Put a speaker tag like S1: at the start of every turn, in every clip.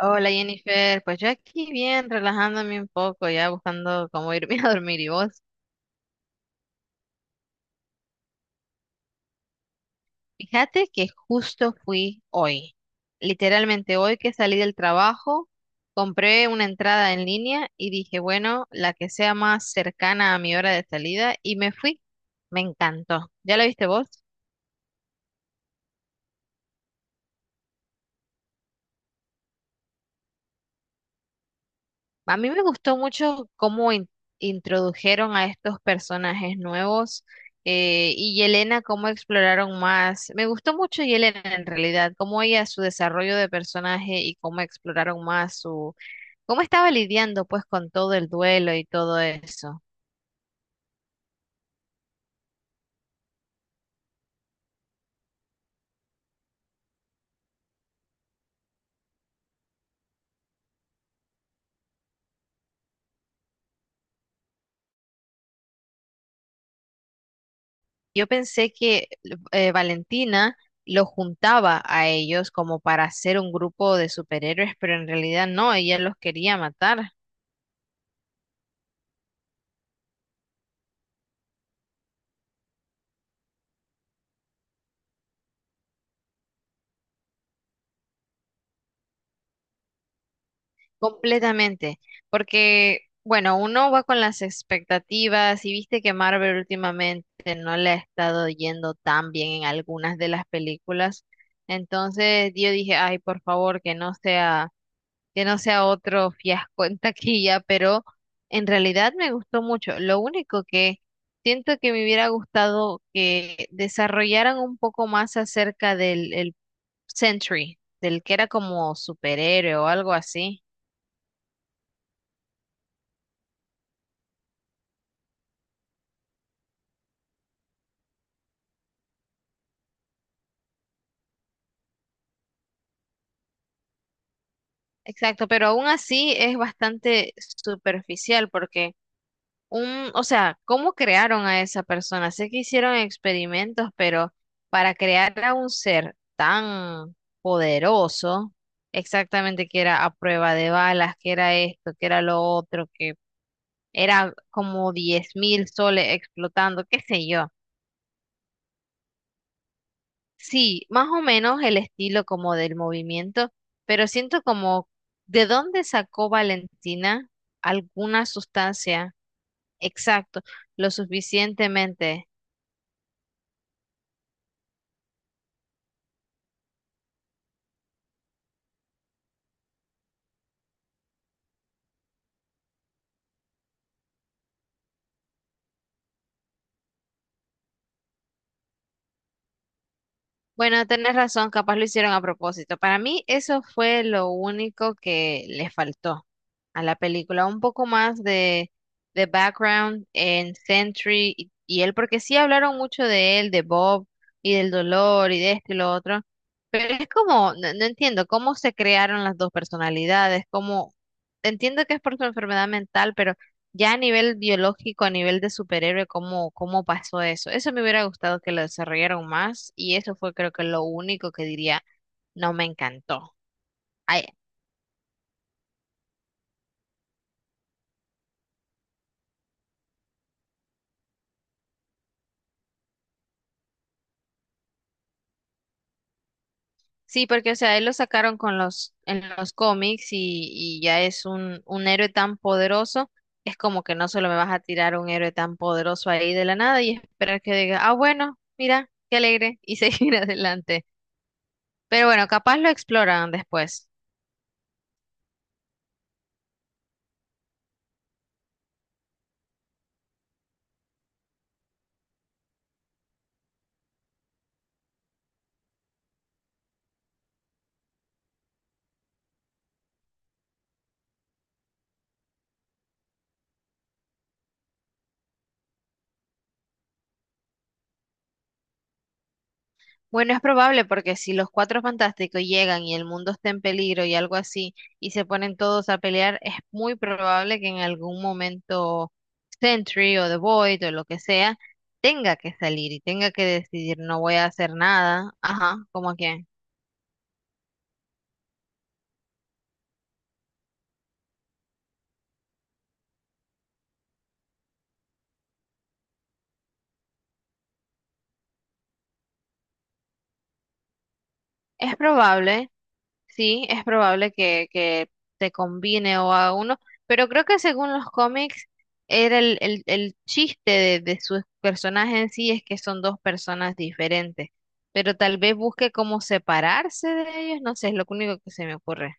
S1: Hola Jennifer, pues yo aquí bien, relajándome un poco, ya buscando cómo irme a dormir y vos. Fíjate que justo fui hoy, literalmente hoy que salí del trabajo, compré una entrada en línea y dije, bueno, la que sea más cercana a mi hora de salida y me fui. Me encantó. ¿Ya la viste vos? A mí me gustó mucho cómo introdujeron a estos personajes nuevos y Yelena, cómo exploraron más. Me gustó mucho Yelena en realidad, cómo ella, su desarrollo de personaje y cómo exploraron más su, cómo estaba lidiando pues con todo el duelo y todo eso. Yo pensé que Valentina lo juntaba a ellos como para hacer un grupo de superhéroes, pero en realidad no, ella los quería matar. Completamente, porque bueno, uno va con las expectativas y viste que Marvel últimamente no le ha estado yendo tan bien en algunas de las películas. Entonces yo dije, ay, por favor, que no sea otro fiasco en taquilla, pero en realidad me gustó mucho. Lo único que siento que me hubiera gustado que desarrollaran un poco más acerca del el Sentry, del que era como superhéroe o algo así. Exacto, pero aún así es bastante superficial porque o sea, ¿cómo crearon a esa persona? Sé que hicieron experimentos, pero para crear a un ser tan poderoso, exactamente que era a prueba de balas, que era esto, que era lo otro, que era como 10.000 soles explotando, qué sé yo. Sí, más o menos el estilo como del movimiento, pero siento como de dónde sacó Valentina alguna sustancia, exacto, lo suficientemente. Bueno, tenés razón, capaz lo hicieron a propósito. Para mí eso fue lo único que le faltó a la película, un poco más de background en Sentry y él, porque sí hablaron mucho de él, de Bob y del dolor y de esto y lo otro, pero es como, no, no entiendo cómo se crearon las dos personalidades, cómo, entiendo que es por su enfermedad mental, pero... Ya a nivel biológico, a nivel de superhéroe, ¿cómo, cómo pasó eso? Eso me hubiera gustado que lo desarrollaron más y eso fue creo que lo único que diría no me encantó. Ay, sí, porque o sea, él lo sacaron con los, en los cómics y ya es un héroe tan poderoso, es como que no solo me vas a tirar un héroe tan poderoso ahí de la nada y esperar que diga, ah, bueno, mira, qué alegre y seguir adelante. Pero bueno, capaz lo exploran después. Bueno, es probable porque si los Cuatro Fantásticos llegan y el mundo está en peligro y algo así, y se ponen todos a pelear, es muy probable que en algún momento Sentry o The Void o lo que sea tenga que salir y tenga que decidir no voy a hacer nada. Ajá, como que es probable. Sí, es probable que te combine o a uno, pero creo que según los cómics era el chiste de sus personajes en sí es que son dos personas diferentes, pero tal vez busque cómo separarse de ellos, no sé, es lo único que se me ocurre.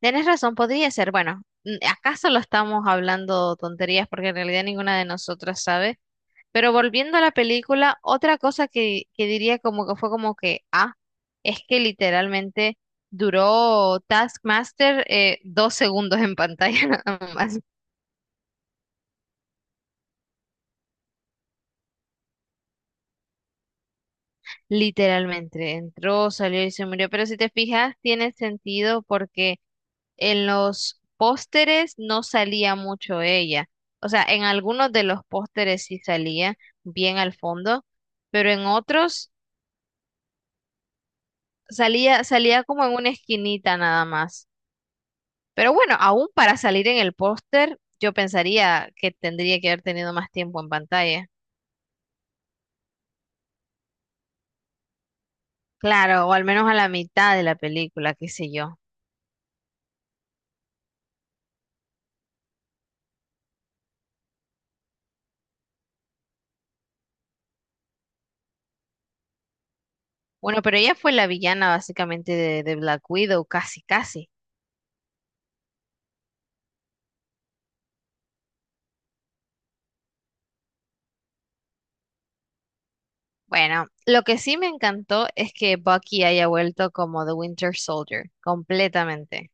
S1: Tienes razón, podría ser, bueno, acá solo estamos hablando tonterías porque en realidad ninguna de nosotras sabe. Pero volviendo a la película, otra cosa que diría como que fue como que, ah, es que literalmente duró Taskmaster 2 segundos en pantalla nada más. Literalmente, entró, salió y se murió. Pero si te fijas, tiene sentido porque en los pósteres no salía mucho ella. O sea, en algunos de los pósteres sí salía bien al fondo, pero en otros salía, salía como en una esquinita nada más. Pero bueno, aún para salir en el póster, yo pensaría que tendría que haber tenido más tiempo en pantalla. Claro, o al menos a la mitad de la película, qué sé yo. Bueno, pero ella fue la villana básicamente de Black Widow, casi, casi. Bueno, lo que sí me encantó es que Bucky haya vuelto como The Winter Soldier, completamente.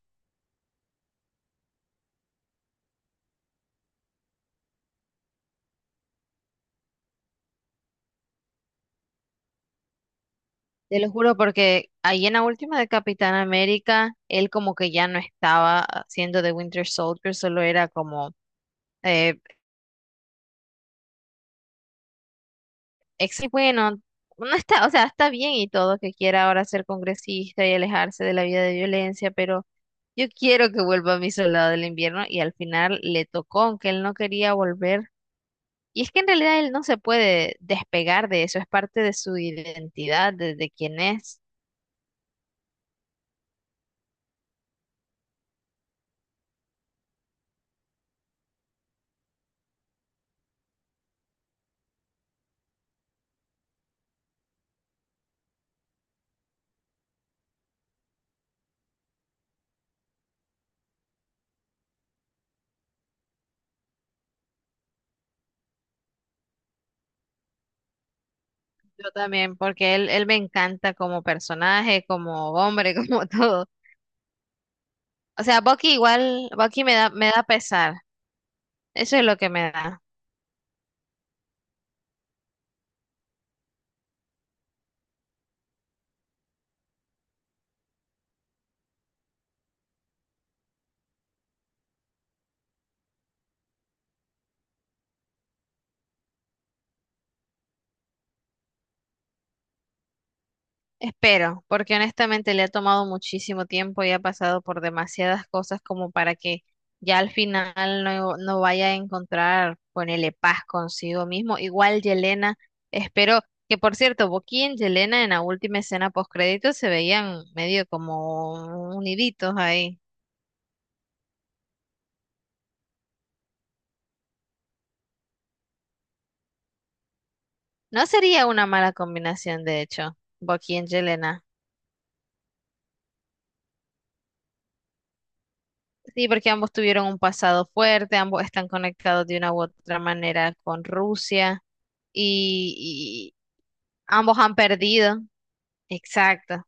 S1: Te lo juro porque ahí en la última de Capitán América, él como que ya no estaba siendo The Winter Soldier, solo era como eh, Ex y bueno, no está, o sea, está bien y todo que quiera ahora ser congresista y alejarse de la vida de violencia, pero yo quiero que vuelva a mi soldado del invierno y al final le tocó, aunque él no quería volver. Y es que en realidad él no se puede despegar de eso, es parte de su identidad, de quién es. Yo también, porque él me encanta como personaje, como hombre, como todo. O sea, Bucky igual, Bucky me da pesar. Eso es lo que me da. Espero, porque honestamente le ha tomado muchísimo tiempo y ha pasado por demasiadas cosas como para que ya al final no vaya a encontrar, ponele paz consigo mismo. Igual Yelena, espero que por cierto, Boqui y Yelena en la última escena postcrédito se veían medio como uniditos ahí. No sería una mala combinación, de hecho, Boqui y Yelena. Sí, porque ambos tuvieron un pasado fuerte, ambos están conectados de una u otra manera con Rusia y, ambos han perdido. Exacto,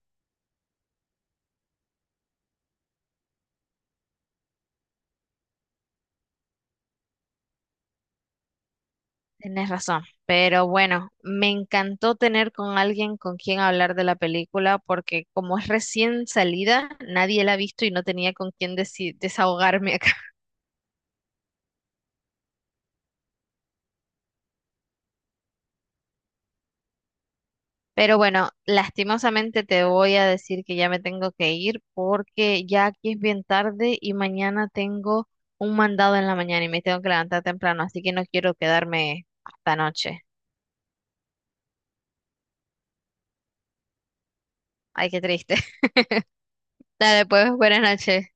S1: tienes razón. Pero bueno, me encantó tener con alguien con quien hablar de la película porque como es recién salida, nadie la ha visto y no tenía con quien desahogarme acá. Pero bueno, lastimosamente te voy a decir que ya me tengo que ir porque ya aquí es bien tarde y mañana tengo un mandado en la mañana y me tengo que levantar temprano, así que no quiero quedarme hasta noche. Ay, qué triste. Dale, pues, buenas noches.